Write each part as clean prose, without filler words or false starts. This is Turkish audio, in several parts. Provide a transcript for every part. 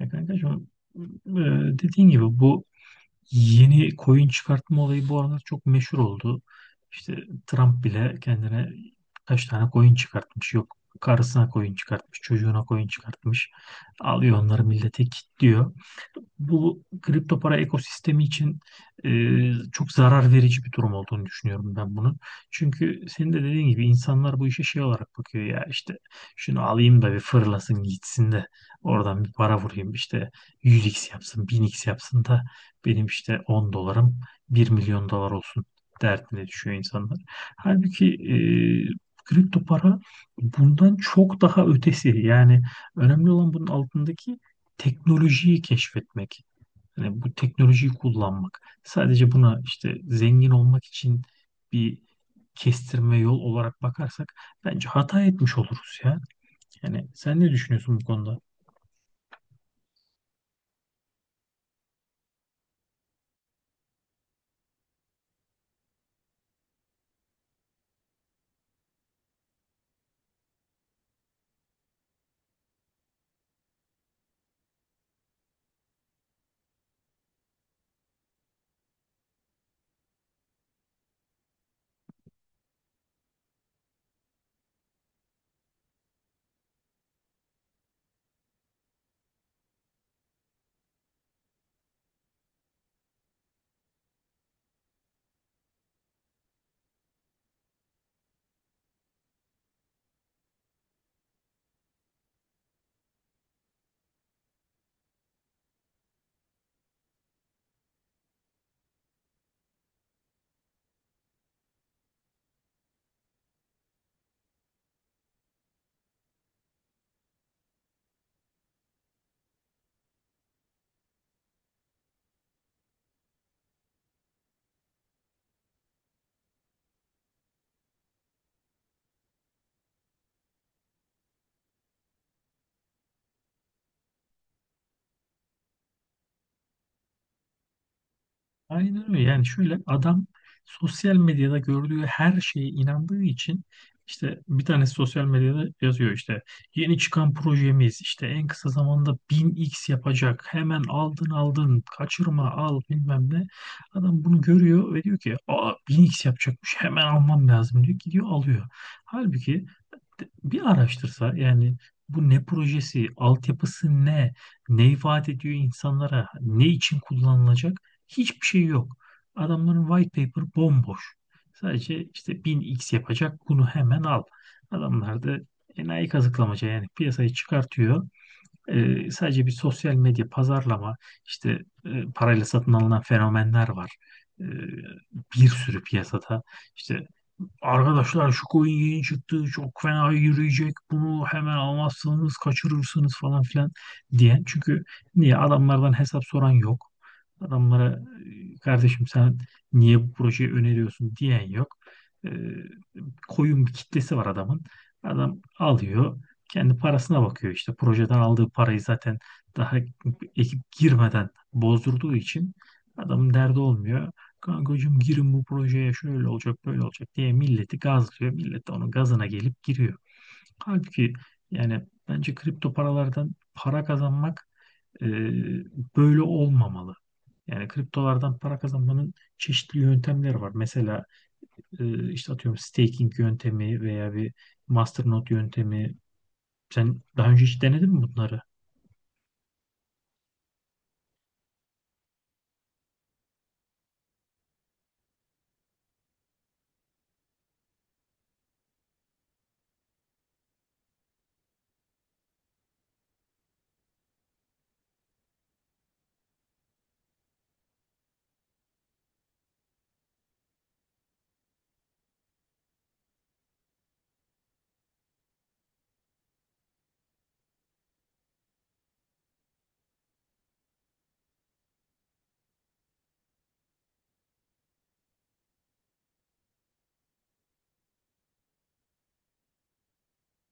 Ya kankacığım e, dediğin gibi bu yeni koyun çıkartma olayı bu aralar çok meşhur oldu. İşte Trump bile kendine kaç tane koyun çıkartmış yok. Karısına koyun çıkartmış, çocuğuna koyun çıkartmış. Alıyor onları millete kilitliyor bu kripto para ekosistemi için e, çok zarar verici bir durum olduğunu düşünüyorum ben bunun. Çünkü senin de dediğin gibi insanlar bu işe şey olarak bakıyor ya, işte şunu alayım da bir fırlasın gitsin de oradan bir para vurayım, işte 100x yapsın 1000x yapsın da benim işte 10 dolarım 1 milyon dolar olsun derdine düşüyor insanlar. Halbuki kripto para bundan çok daha ötesi. Yani önemli olan bunun altındaki teknolojiyi keşfetmek, yani bu teknolojiyi kullanmak; sadece buna işte zengin olmak için bir kestirme yol olarak bakarsak bence hata etmiş oluruz ya. Yani sen ne düşünüyorsun bu konuda? Aynen öyle. Yani şöyle, adam sosyal medyada gördüğü her şeye inandığı için, işte bir tanesi sosyal medyada yazıyor, işte yeni çıkan projemiz işte en kısa zamanda 1000x yapacak. Hemen aldın aldın, kaçırma al bilmem ne. Adam bunu görüyor ve diyor ki aa 1000x yapacakmış, hemen almam lazım diyor. Gidiyor alıyor. Halbuki bir araştırsa yani bu ne projesi, altyapısı ne, ne ifade ediyor insanlara, ne için kullanılacak, hiçbir şey yok. Adamların white paper bomboş. Sadece işte 1000x yapacak, bunu hemen al. Adamlar da enayi kazıklamaca yani piyasayı çıkartıyor. Sadece bir sosyal medya pazarlama işte, parayla satın alınan fenomenler var. Ee, bir sürü piyasada işte arkadaşlar şu coin yeni çıktı çok fena yürüyecek bunu hemen almazsanız kaçırırsınız falan filan diyen. Çünkü niye, adamlardan hesap soran yok. Adamlara kardeşim sen niye bu projeyi öneriyorsun diyen yok. E, koyun bir kitlesi var adamın. Adam alıyor kendi parasına bakıyor, işte projeden aldığı parayı zaten daha ekip girmeden bozdurduğu için adamın derdi olmuyor. Kankacığım, girin bu projeye şöyle olacak böyle olacak diye milleti gazlıyor. Millet de onun gazına gelip giriyor. Halbuki yani bence kripto paralardan para kazanmak e, böyle olmamalı. Yani kriptolardan para kazanmanın çeşitli yöntemleri var. Mesela işte atıyorum staking yöntemi veya bir masternode yöntemi. Sen daha önce hiç denedin mi bunları?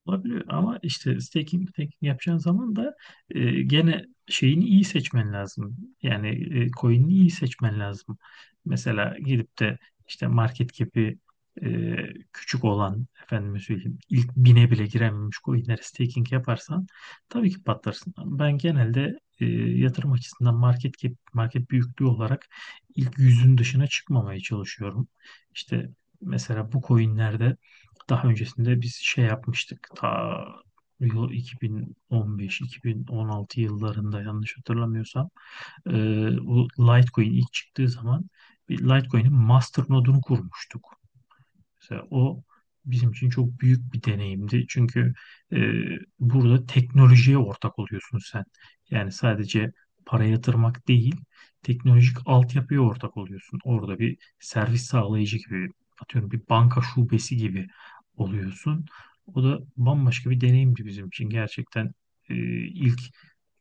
Olabiliyor, ama işte staking yapacağın zaman da gene şeyini iyi seçmen lazım. Yani coin'ini iyi seçmen lazım. Mesela gidip de işte market cap'i e, küçük olan, efendime söyleyeyim, ilk 1000'e bile girememiş coin'lere staking yaparsan tabii ki patlarsın. Ben genelde yatırım açısından market cap, market büyüklüğü olarak ilk 100'ün dışına çıkmamaya çalışıyorum. İşte mesela bu coin'lerde daha öncesinde biz şey yapmıştık. Ta yıl 2015-2016 yıllarında, yanlış hatırlamıyorsam, e, bu Litecoin ilk çıktığı zaman bir Litecoin'in master nodunu kurmuştuk. Mesela o bizim için çok büyük bir deneyimdi. Çünkü e, burada teknolojiye ortak oluyorsun sen. Yani sadece para yatırmak değil, teknolojik altyapıya ortak oluyorsun. Orada bir servis sağlayıcı gibi, atıyorum bir banka şubesi gibi oluyorsun. O da bambaşka bir deneyimdi bizim için. Gerçekten e, ilk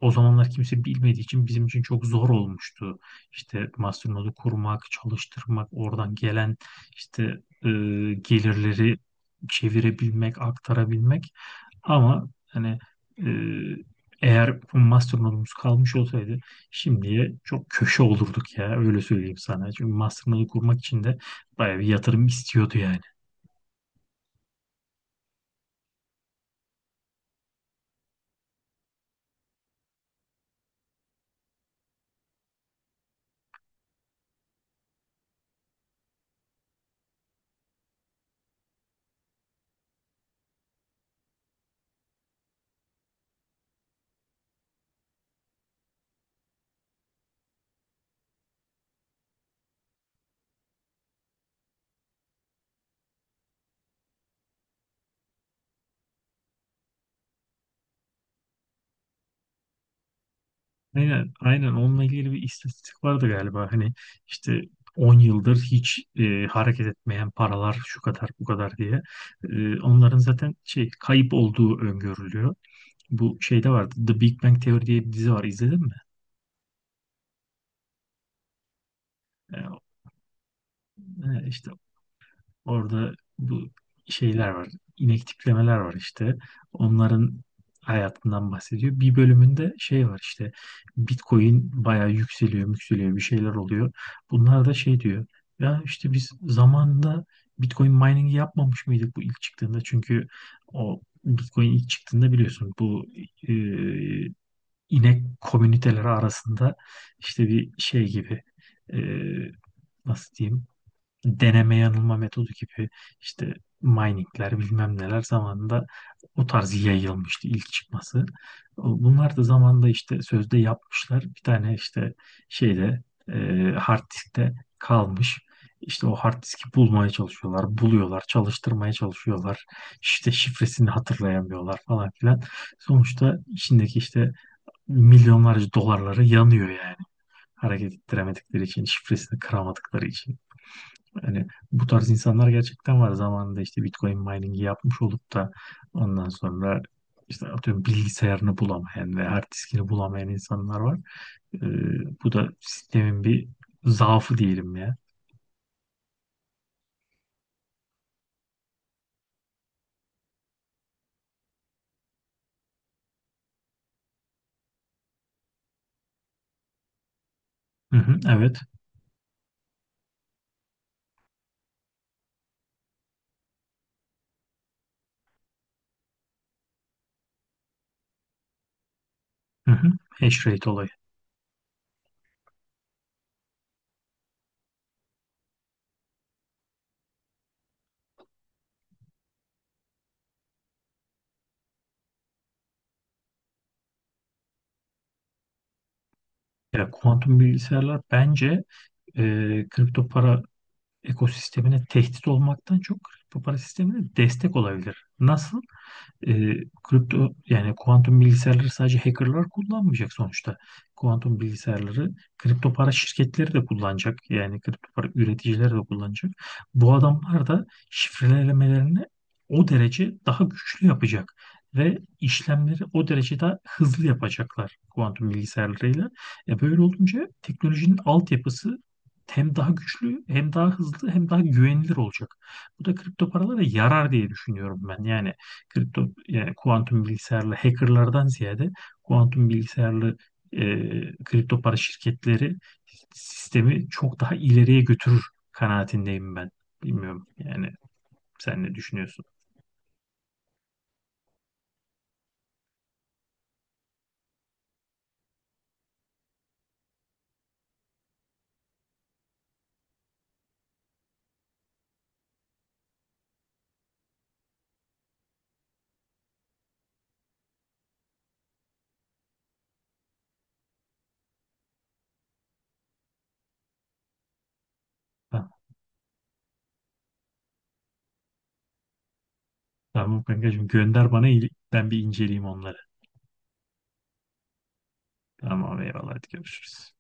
o zamanlar kimse bilmediği için bizim için çok zor olmuştu. İşte Masternode'u kurmak, çalıştırmak, oradan gelen işte e, gelirleri çevirebilmek, aktarabilmek. Ama hani e, eğer bu mastermind kalmış olsaydı şimdiye çok köşe olurduk ya, öyle söyleyeyim sana. Çünkü mastermind'i kurmak için de bayağı bir yatırım istiyordu yani. Aynen, aynen, onunla ilgili bir istatistik vardı galiba. Hani işte 10 yıldır hiç hareket etmeyen paralar şu kadar bu kadar diye. Onların zaten şey, kayıp olduğu öngörülüyor. Bu şeyde vardı. The Big Bang Theory diye bir dizi var. İzledin mi? E, işte orada bu şeyler var. İnek tiplemeler var işte. Onların hayatından bahsediyor. Bir bölümünde şey var işte. Bitcoin bayağı yükseliyor, yükseliyor, bir şeyler oluyor. Bunlar da şey diyor. Ya işte biz zamanında Bitcoin mining'i yapmamış mıydık bu ilk çıktığında? Çünkü o Bitcoin ilk çıktığında biliyorsun, bu e, inek komüniteleri arasında işte bir şey gibi, e, nasıl diyeyim, deneme yanılma metodu gibi, işte miningler bilmem neler, zamanında o tarz yayılmıştı ilk çıkması. Bunlar da zamanında işte sözde yapmışlar. Bir tane işte şeyde, e, hard diskte kalmış. İşte o hard diski bulmaya çalışıyorlar, buluyorlar, çalıştırmaya çalışıyorlar. İşte şifresini hatırlayamıyorlar falan filan. Sonuçta içindeki işte milyonlarca dolarları yanıyor yani. Hareket ettiremedikleri için, şifresini kıramadıkları için. Yani bu tarz insanlar gerçekten var. Zamanında işte Bitcoin mining'i yapmış olup da ondan sonra işte atıyorum bilgisayarını bulamayan ve hard diskini bulamayan insanlar var. Ee, bu da sistemin bir zaafı diyelim ya. Hı hı, evet. Hı hı. Hash rate olayı. Ya, kuantum bilgisayarlar bence e, kripto para ekosistemine tehdit olmaktan çok kripto para sistemine destek olabilir. Nasıl? e, Kripto, yani kuantum bilgisayarları sadece hackerlar kullanmayacak sonuçta. Kuantum bilgisayarları kripto para şirketleri de kullanacak. Yani kripto para üreticileri de kullanacak. Bu adamlar da şifrelemelerini o derece daha güçlü yapacak ve işlemleri o derece daha hızlı yapacaklar kuantum bilgisayarlarıyla. Böyle olunca teknolojinin altyapısı hem daha güçlü, hem daha hızlı, hem daha güvenilir olacak. Bu da kripto paralara yarar diye düşünüyorum ben. Yani kripto, yani kuantum bilgisayarlı hackerlardan ziyade kuantum bilgisayarlı e, kripto para şirketleri sistemi çok daha ileriye götürür kanaatindeyim ben. Bilmiyorum yani, sen ne düşünüyorsun? Ha, tamam kankacığım, gönder bana, ben bir inceleyeyim onları. Tamam, eyvallah, hadi görüşürüz.